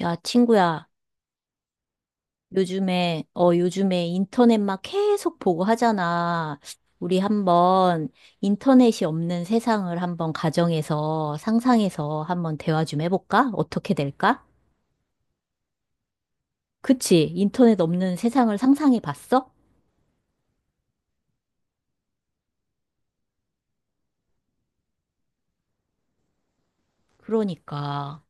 야, 친구야, 요즘에, 요즘에 인터넷 막 계속 보고 하잖아. 우리 한번 인터넷이 없는 세상을 한번 가정에서, 상상해서 한번 대화 좀 해볼까? 어떻게 될까? 그치? 인터넷 없는 세상을 상상해 봤어? 그러니까,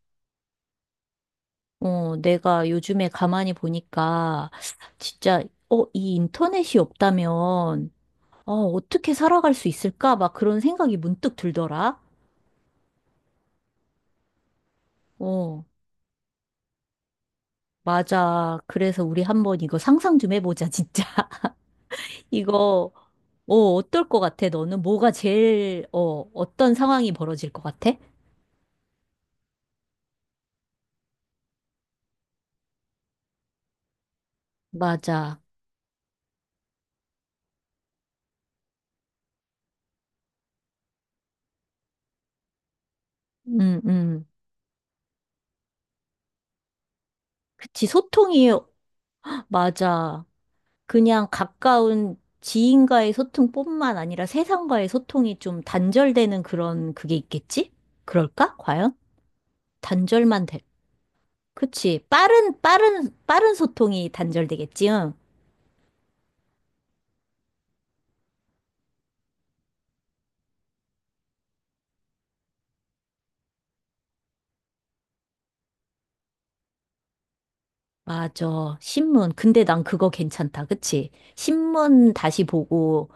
내가 요즘에 가만히 보니까, 진짜, 이 인터넷이 없다면, 어떻게 살아갈 수 있을까? 막 그런 생각이 문득 들더라. 어. 맞아. 그래서 우리 한번 이거 상상 좀 해보자, 진짜. 이거, 어떨 것 같아, 너는? 뭐가 제일, 어떤 상황이 벌어질 것 같아? 맞아. 음, 음. 그치, 소통이, 맞아. 그냥 가까운 지인과의 소통뿐만 아니라 세상과의 소통이 좀 단절되는 그런 그게 있겠지? 그럴까? 과연? 단절만 돼. 그치. 빠른 소통이 단절되겠지? 응? 맞아. 신문. 근데 난 그거 괜찮다. 그치? 신문 다시 보고,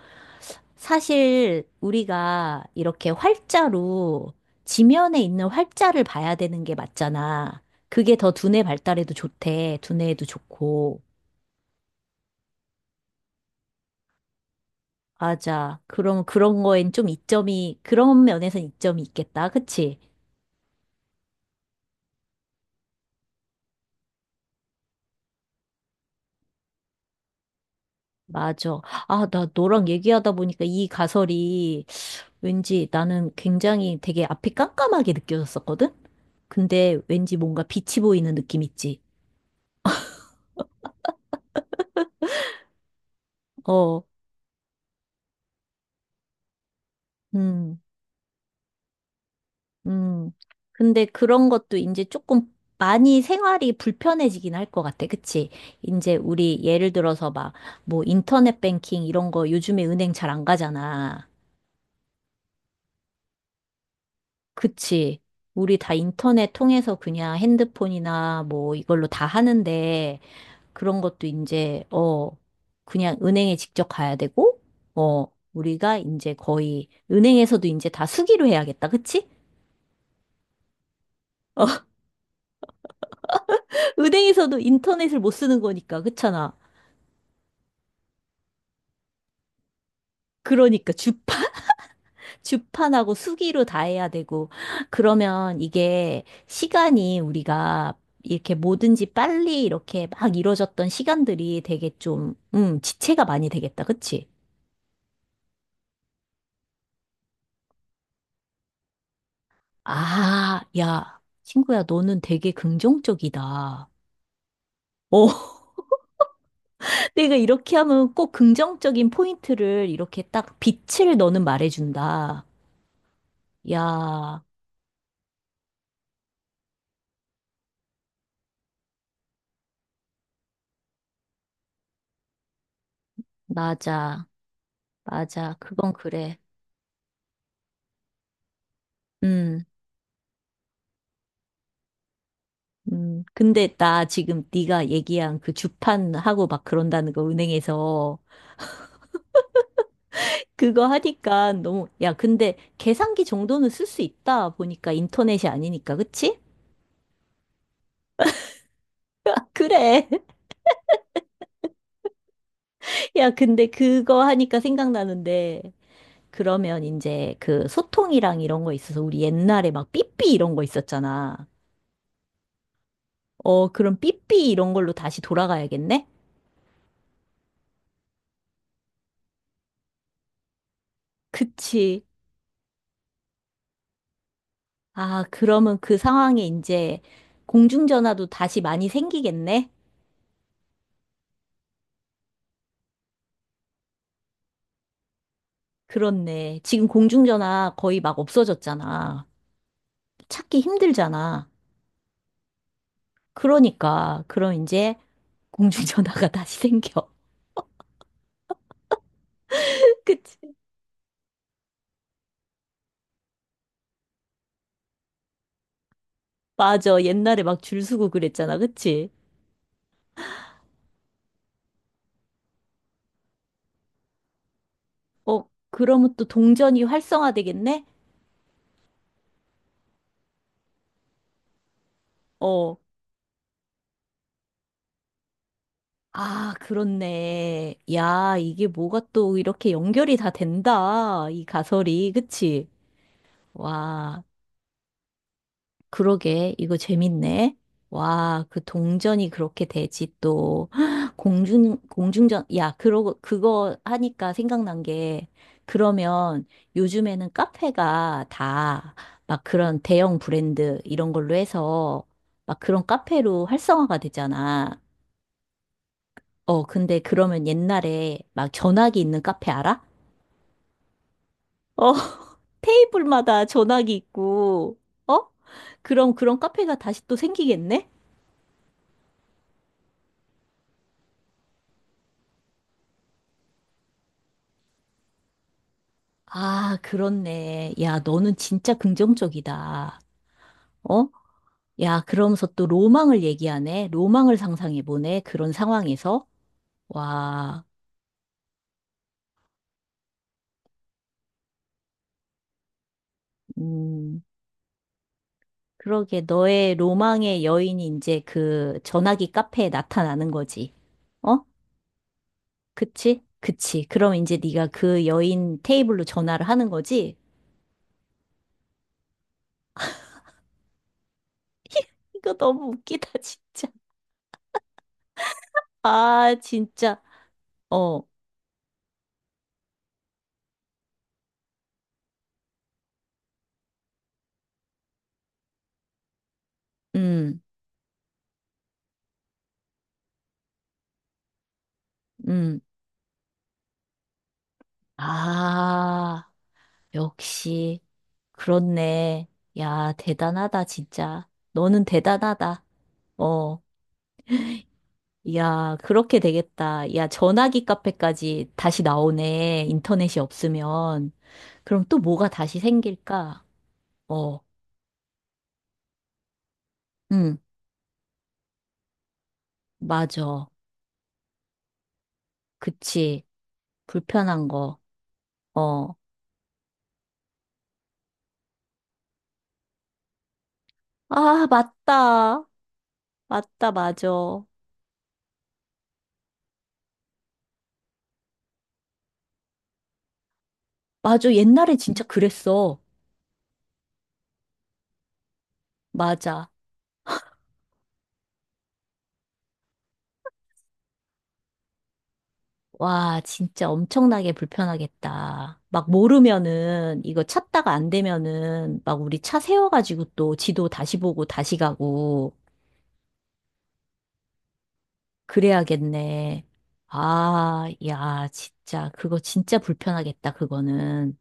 사실 우리가 이렇게 활자로, 지면에 있는 활자를 봐야 되는 게 맞잖아. 그게 더 두뇌 발달에도 좋대. 두뇌에도 좋고. 맞아. 그럼 그런 거엔 좀 이점이, 그런 면에선 이점이 있겠다. 그치? 맞아. 아, 나 너랑 얘기하다 보니까 이 가설이 왠지 나는 굉장히 되게 앞이 깜깜하게 느껴졌었거든? 근데 왠지 뭔가 빛이 보이는 느낌 있지. 어, 음, 음. 근데 그런 것도 이제 조금 많이 생활이 불편해지긴 할 것 같아. 그치? 이제 우리 예를 들어서 막 뭐 인터넷 뱅킹 이런 거 요즘에 은행 잘 안 가잖아. 그치? 우리 다 인터넷 통해서 그냥 핸드폰이나 뭐 이걸로 다 하는데 그런 것도 이제, 그냥 은행에 직접 가야 되고, 어, 우리가 이제 거의, 은행에서도 이제 다 수기로 해야겠다. 그치? 어, 은행에서도 인터넷을 못 쓰는 거니까, 그렇잖아. 그러니까 주판, 주판하고 수기로 다 해야 되고, 그러면 이게 시간이 우리가 이렇게 뭐든지 빨리 이렇게 막 이뤄졌던 시간들이 되게 좀, 지체가 많이 되겠다. 그치? 아, 야, 친구야, 너는 되게 긍정적이다. 어, 내가 이렇게 하면 꼭 긍정적인 포인트를 이렇게 딱 빛을 너는 말해준다. 야, 맞아. 맞아. 그건 그래. 음, 근데 나 지금 네가 얘기한 그 주판하고 막 그런다는 거 은행에서 그거 하니까 너무, 야, 근데 계산기 정도는 쓸 수 있다. 보니까 인터넷이 아니니까. 그치? 그래. 야, 근데 그거 하니까 생각나는데. 그러면 이제 그 소통이랑 이런 거 있어서 우리 옛날에 막 삐삐 이런 거 있었잖아. 어, 그럼 삐삐 이런 걸로 다시 돌아가야겠네? 그치. 아, 그러면 그 상황에 이제 공중전화도 다시 많이 생기겠네? 그렇네. 지금 공중전화 거의 막 없어졌잖아. 찾기 힘들잖아. 그러니까, 그럼 이제 공중전화가 다시 생겨. 그치? 맞아. 옛날에 막 줄 서고 그랬잖아. 그치? 어, 그러면 또 동전이 활성화되겠네? 어. 아, 그렇네. 야, 이게 뭐가 또 이렇게 연결이 다 된다. 이 가설이. 그치? 와, 그러게. 이거 재밌네. 와, 그 동전이 그렇게 되지 또. 공중, 공중전. 야, 그러고, 그거 하니까 생각난 게, 그러면 요즘에는 카페가 다 막 그런 대형 브랜드 이런 걸로 해서 막 그런 카페로 활성화가 되잖아. 어, 근데 그러면 옛날에 막 전화기 있는 카페 알아? 어, 테이블마다 전화기 있고, 어? 그럼 그런 카페가 다시 또 생기겠네? 아, 그렇네. 야, 너는 진짜 긍정적이다. 어? 야, 그러면서 또 로망을 얘기하네. 로망을 상상해보네. 그런 상황에서. 와, 음, 그러게. 너의 로망의 여인이 이제 그 전화기 카페에 나타나는 거지. 어? 그치? 그치. 그럼 이제 네가 그 여인 테이블로 전화를 하는 거지? 이거 너무 웃기다, 진짜. 아, 진짜. 어, 음, 음. 아, 역시. 그렇네. 야, 대단하다, 진짜. 너는 대단하다. 어, 야, 그렇게 되겠다. 야, 전화기 카페까지 다시 나오네. 인터넷이 없으면. 그럼 또 뭐가 다시 생길까? 어, 응, 맞아. 그치. 불편한 거. 어. 아, 맞다. 맞다, 맞아. 맞아. 옛날에 진짜 그랬어. 맞아. 와, 진짜 엄청나게 불편하겠다. 막 모르면은, 이거 찾다가 안 되면은, 막 우리 차 세워가지고 또 지도 다시 보고 다시 가고, 그래야겠네. 아, 야, 진짜. 그거 진짜 불편하겠다, 그거는.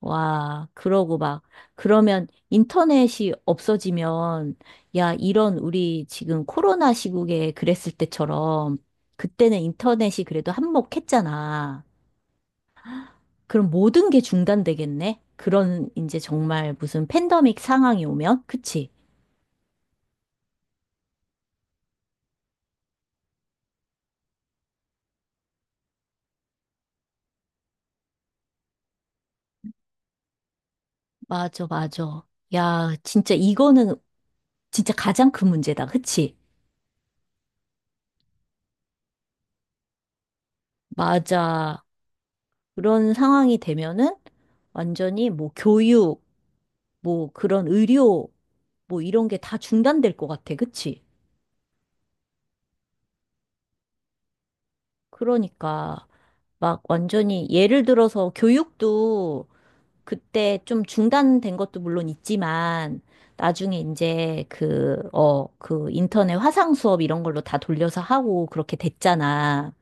와, 그러고 막, 그러면 인터넷이 없어지면, 야, 이런 우리 지금 코로나 시국에 그랬을 때처럼, 그때는 인터넷이 그래도 한몫했잖아. 그럼 모든 게 중단되겠네? 그런 이제 정말 무슨 팬데믹 상황이 오면? 그치? 맞아, 맞아. 야, 진짜 이거는 진짜 가장 큰 문제다. 그치? 맞아. 그런 상황이 되면은 완전히 뭐 교육, 뭐 그런 의료 뭐 이런 게 다 중단될 것 같아. 그치? 그러니까 막 완전히 예를 들어서 교육도 그때 좀 중단된 것도 물론 있지만 나중에 이제 그, 그 인터넷 화상 수업 이런 걸로 다 돌려서 하고 그렇게 됐잖아.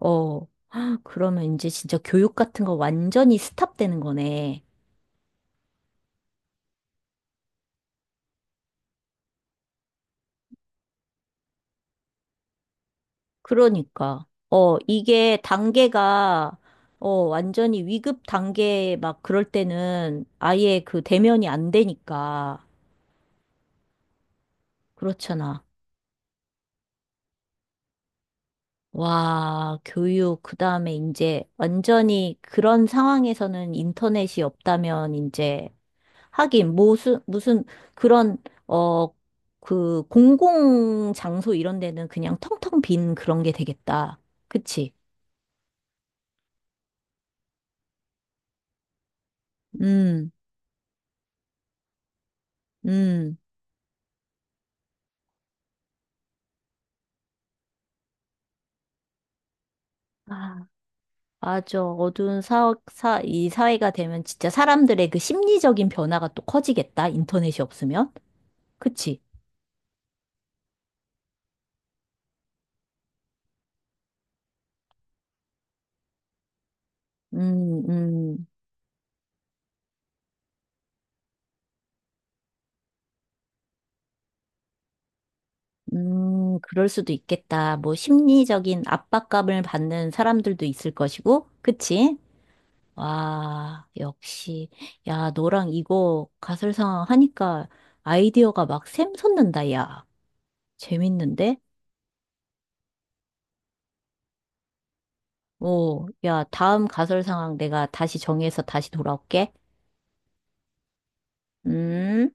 어, 헉, 그러면 이제 진짜 교육 같은 거 완전히 스탑되는 거네. 그러니까, 이게 단계가, 완전히 위급 단계 막 그럴 때는 아예 그 대면이 안 되니까. 그렇잖아. 와, 교육, 그 다음에 이제 완전히 그런 상황에서는 인터넷이 없다면 이제 하긴 무슨, 무슨 그런, 어, 그 공공 장소 이런 데는 그냥 텅텅 빈 그런 게 되겠다. 그치? 음, 음. 아, 맞아. 어두운 사, 사, 이 사회가 되면 진짜 사람들의 그 심리적인 변화가 또 커지겠다. 인터넷이 없으면. 그치? 음, 음, 그럴 수도 있겠다. 뭐, 심리적인 압박감을 받는 사람들도 있을 것이고. 그치? 와, 역시. 야, 너랑 이거 가설상황 하니까 아이디어가 막 샘솟는다, 야. 재밌는데? 오, 야, 다음 가설상황 내가 다시 정해서 다시 돌아올게. 음.